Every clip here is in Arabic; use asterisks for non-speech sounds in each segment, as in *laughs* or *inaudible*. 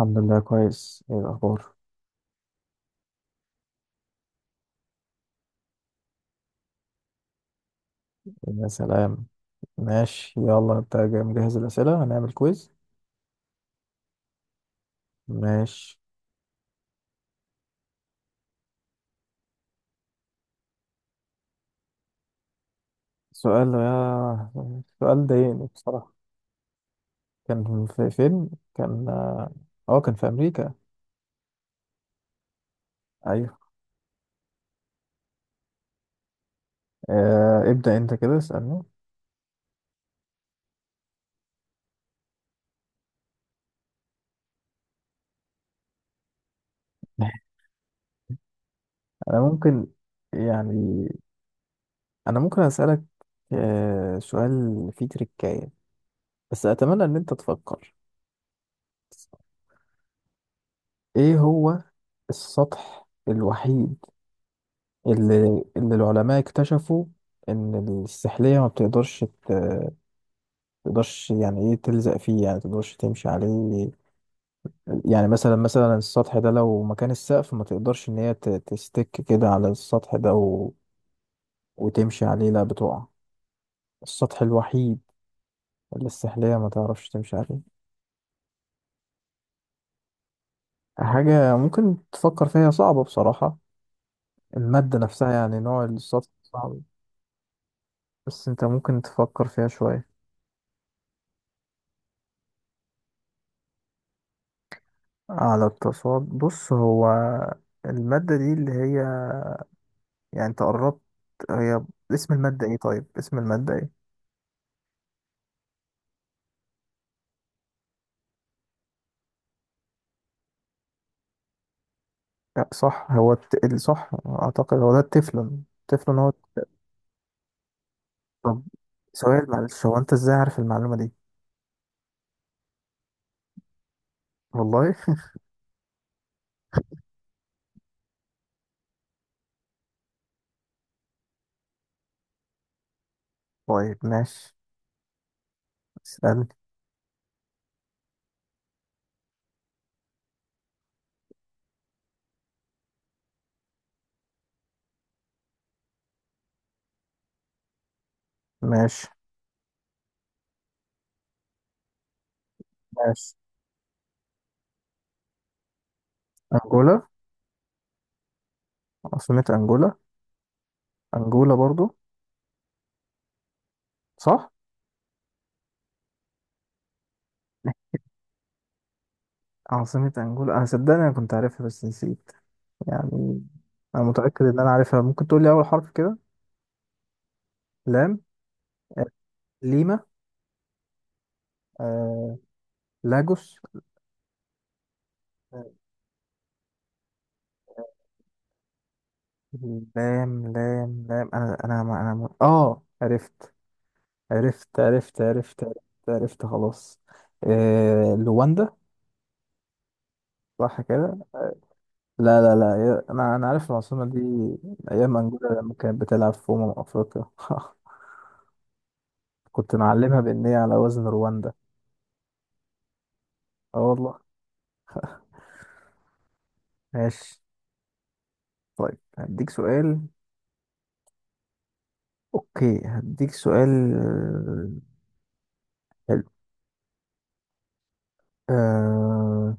الحمد لله كويس، ايه الاخبار؟ إيه يا سلام. ماشي يلا، انت جاي مجهز الاسئله، هنعمل كويز. ماشي. سؤال يا، سؤال ضايقني بصراحه. كان في فين. كان كان في امريكا. ايوه. ابدا انت كده اسالني. *laughs* انا ممكن، يعني انا ممكن اسالك سؤال، فيه تريكايه، بس اتمنى ان انت تفكر. ايه هو السطح الوحيد اللي, اللي العلماء اكتشفوا ان السحلية ما بتقدرش تقدرش، يعني ايه تلزق فيه، يعني تقدرش تمشي عليه. يعني مثلا السطح ده لو مكان السقف، ما تقدرش ان هي تستك كده على السطح ده وتمشي عليه، لا بتقع. السطح الوحيد اللي السحلية ما تعرفش تمشي عليه. حاجة ممكن تفكر فيها، صعبة بصراحة. المادة نفسها، يعني نوع السطح، صعب. بس انت ممكن تفكر فيها شوية. على التصاد، بص هو المادة دي اللي هي، يعني انت قربت، هي اسم المادة ايه؟ طيب اسم المادة ايه؟ لا صح، هو الصح اعتقد هو ده، التفلون. التفلون هو. طب سؤال، معلش، هو انت ازاي عارف المعلومة دي؟ والله. *laughs* طيب ماشي، اسألني. ماشي. ماشي أنجولا. عاصمة أنجولا. أنجولا برضو؟ صح. عاصمة أنجولا، أنا صدقني أنا كنت عارفها بس نسيت، يعني أنا متأكد إن أنا عارفها. ممكن تقول لي أول حرف كده؟ لام. ليما. آه... لاجوس. لام لام لام، انا انا عرفت، عرفت، عرفت, عرفت خلاص. آه... لواندا. صح كده. لا لا لا يا، انا عارف العاصمه دي من ايام انجولا لما كانت بتلعب في افريقيا. *laughs* كنت معلمها بان هي على وزن رواندا. اه والله. ماشي. طيب هديك سؤال، اوكي هديك سؤال، حلو. آه...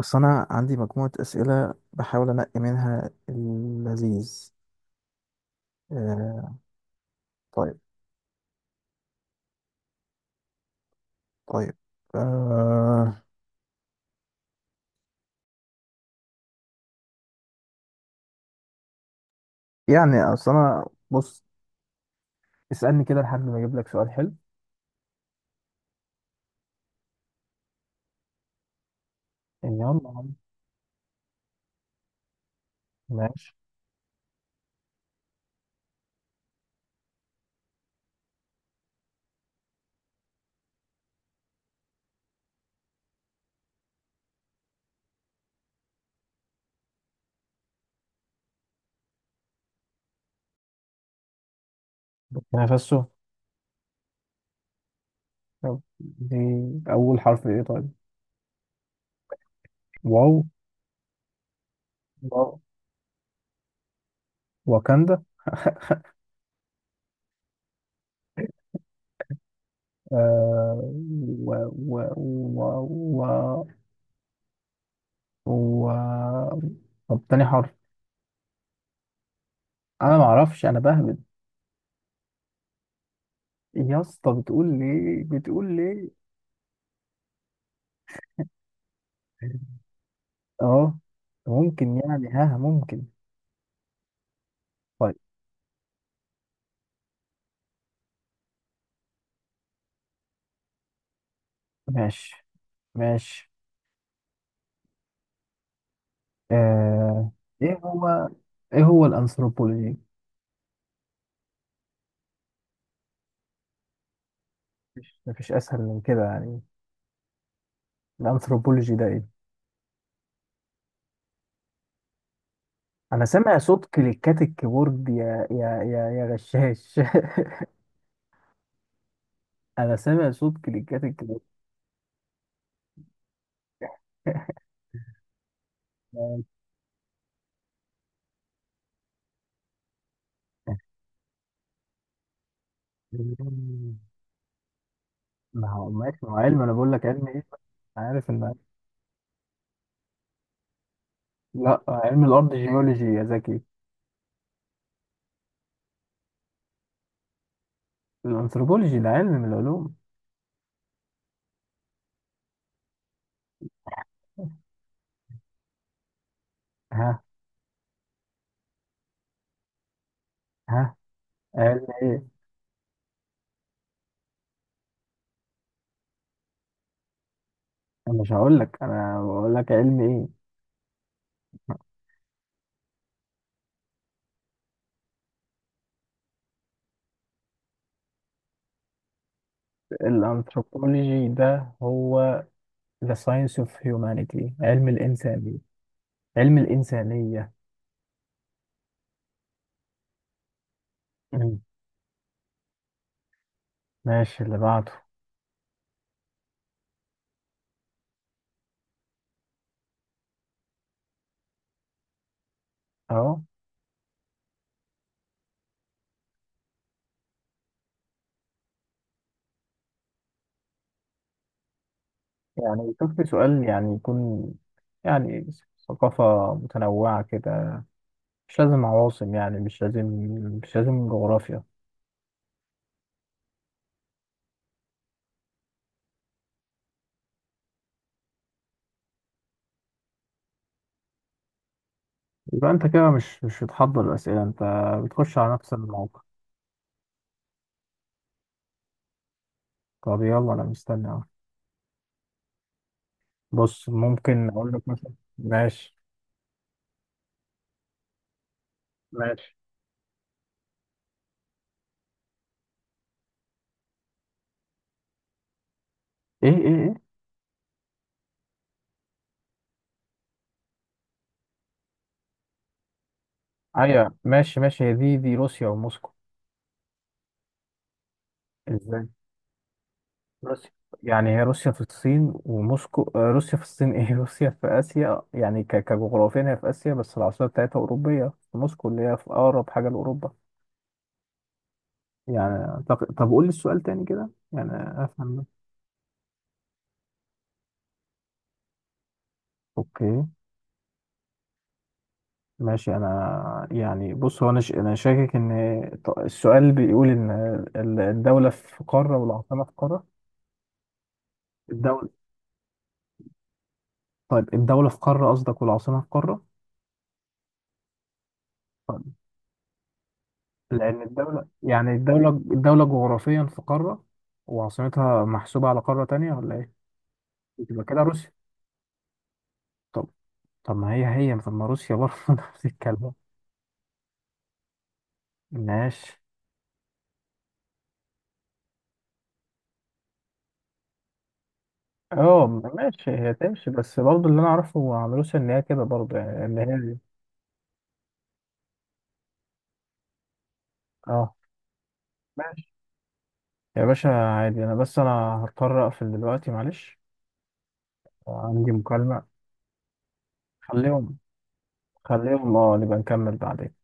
أصل أنا عندي مجموعة أسئلة بحاول أنقي منها اللذيذ. آه. طيب. طيب. آه. يعني أصل أنا بص، اسألني كده لحد ما أجيب لك سؤال حلو. يلا يا عم. ماشي. نفسه. يلا دي. أول حرف إيه طيب؟ واو. واو. واكندا. *laughs* آه. و و و و و طب تاني حرف؟ أنا معرفش، أنا بهبد. يا اسطى بتقول ليه؟ بتقول ليه؟ اه، ممكن يعني، ها ممكن. طيب. ماشي. ماشي. آه. ايه هو؟ ايه هو الانثروبولوجي؟ مفيش مفيش اسهل من كده يعني. الانثروبولوجي ده ايه؟ انا سامع صوت كليكات الكيبورد، يا يا يا يا غشاش. *laughs* انا سامع صوت كليكات الكيبورد. *laughs* ما هو ماشي، ما هو علم، انا بقول لك علم ايه؟ أنا عارف ان، لا علم الارض جيولوجي يا زكي. الانثروبولوجي ده علم من العلوم. ها. ها. علم ايه؟ انا مش هقول لك، انا بقول لك علم ايه. الانثروبولوجي ده هو the science of humanity، علم الانسانيه. علم الانسانيه. مم. ماشي، اللي بعده. اهو. يعني شوف لي سؤال يعني يكون، يعني ثقافه متنوعه كده، مش لازم عواصم يعني، مش لازم، مش لازم جغرافيا. يبقى انت كده مش مش بتحضر الاسئله انت، بتخش على نفس الموقع. طب يلا انا مستني اهو. بص ممكن اقول لك مثلا. ماشي. ماشي. ايه ايه ايه. ايوه ماشي ماشي، هي دي دي روسيا وموسكو. ازاي؟ روسيا يعني، هي روسيا في الصين وموسكو، روسيا في الصين ايه؟ *laughs* روسيا في اسيا يعني، كجغرافيا هي في اسيا، بس العاصمه بتاعتها اوروبيه، في موسكو اللي هي في اقرب حاجه لاوروبا. يعني طب قول لي السؤال تاني كده يعني، افهم ده. اوكي. ماشي انا يعني بص، هو انا انا شاكك ان، السؤال بيقول ان الدوله في قاره والعاصمه في قاره. الدوله. طيب الدوله في قاره قصدك والعاصمه في قاره؟ لأن الدولة يعني الدولة جغرافيا في قارة وعاصمتها محسوبة على قارة تانية، ولا إيه؟ يبقى كده روسيا. طب. طب ما هي هي، طب ما روسيا برضه *laughs* نفس الكلام. ماشي. اه ماشي، هي تمشي، بس برضه اللي أنا أعرفه عن روسيا إن هي كده برضه يعني، إن هي. اه. ماشي. يا باشا عادي، أنا بس أنا هضطر أقفل دلوقتي، معلش. عندي مكالمة. خليهم، خليهم، اه نبقى نكمل بعدين.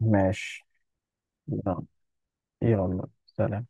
ماشي. يلا. يلا سلام.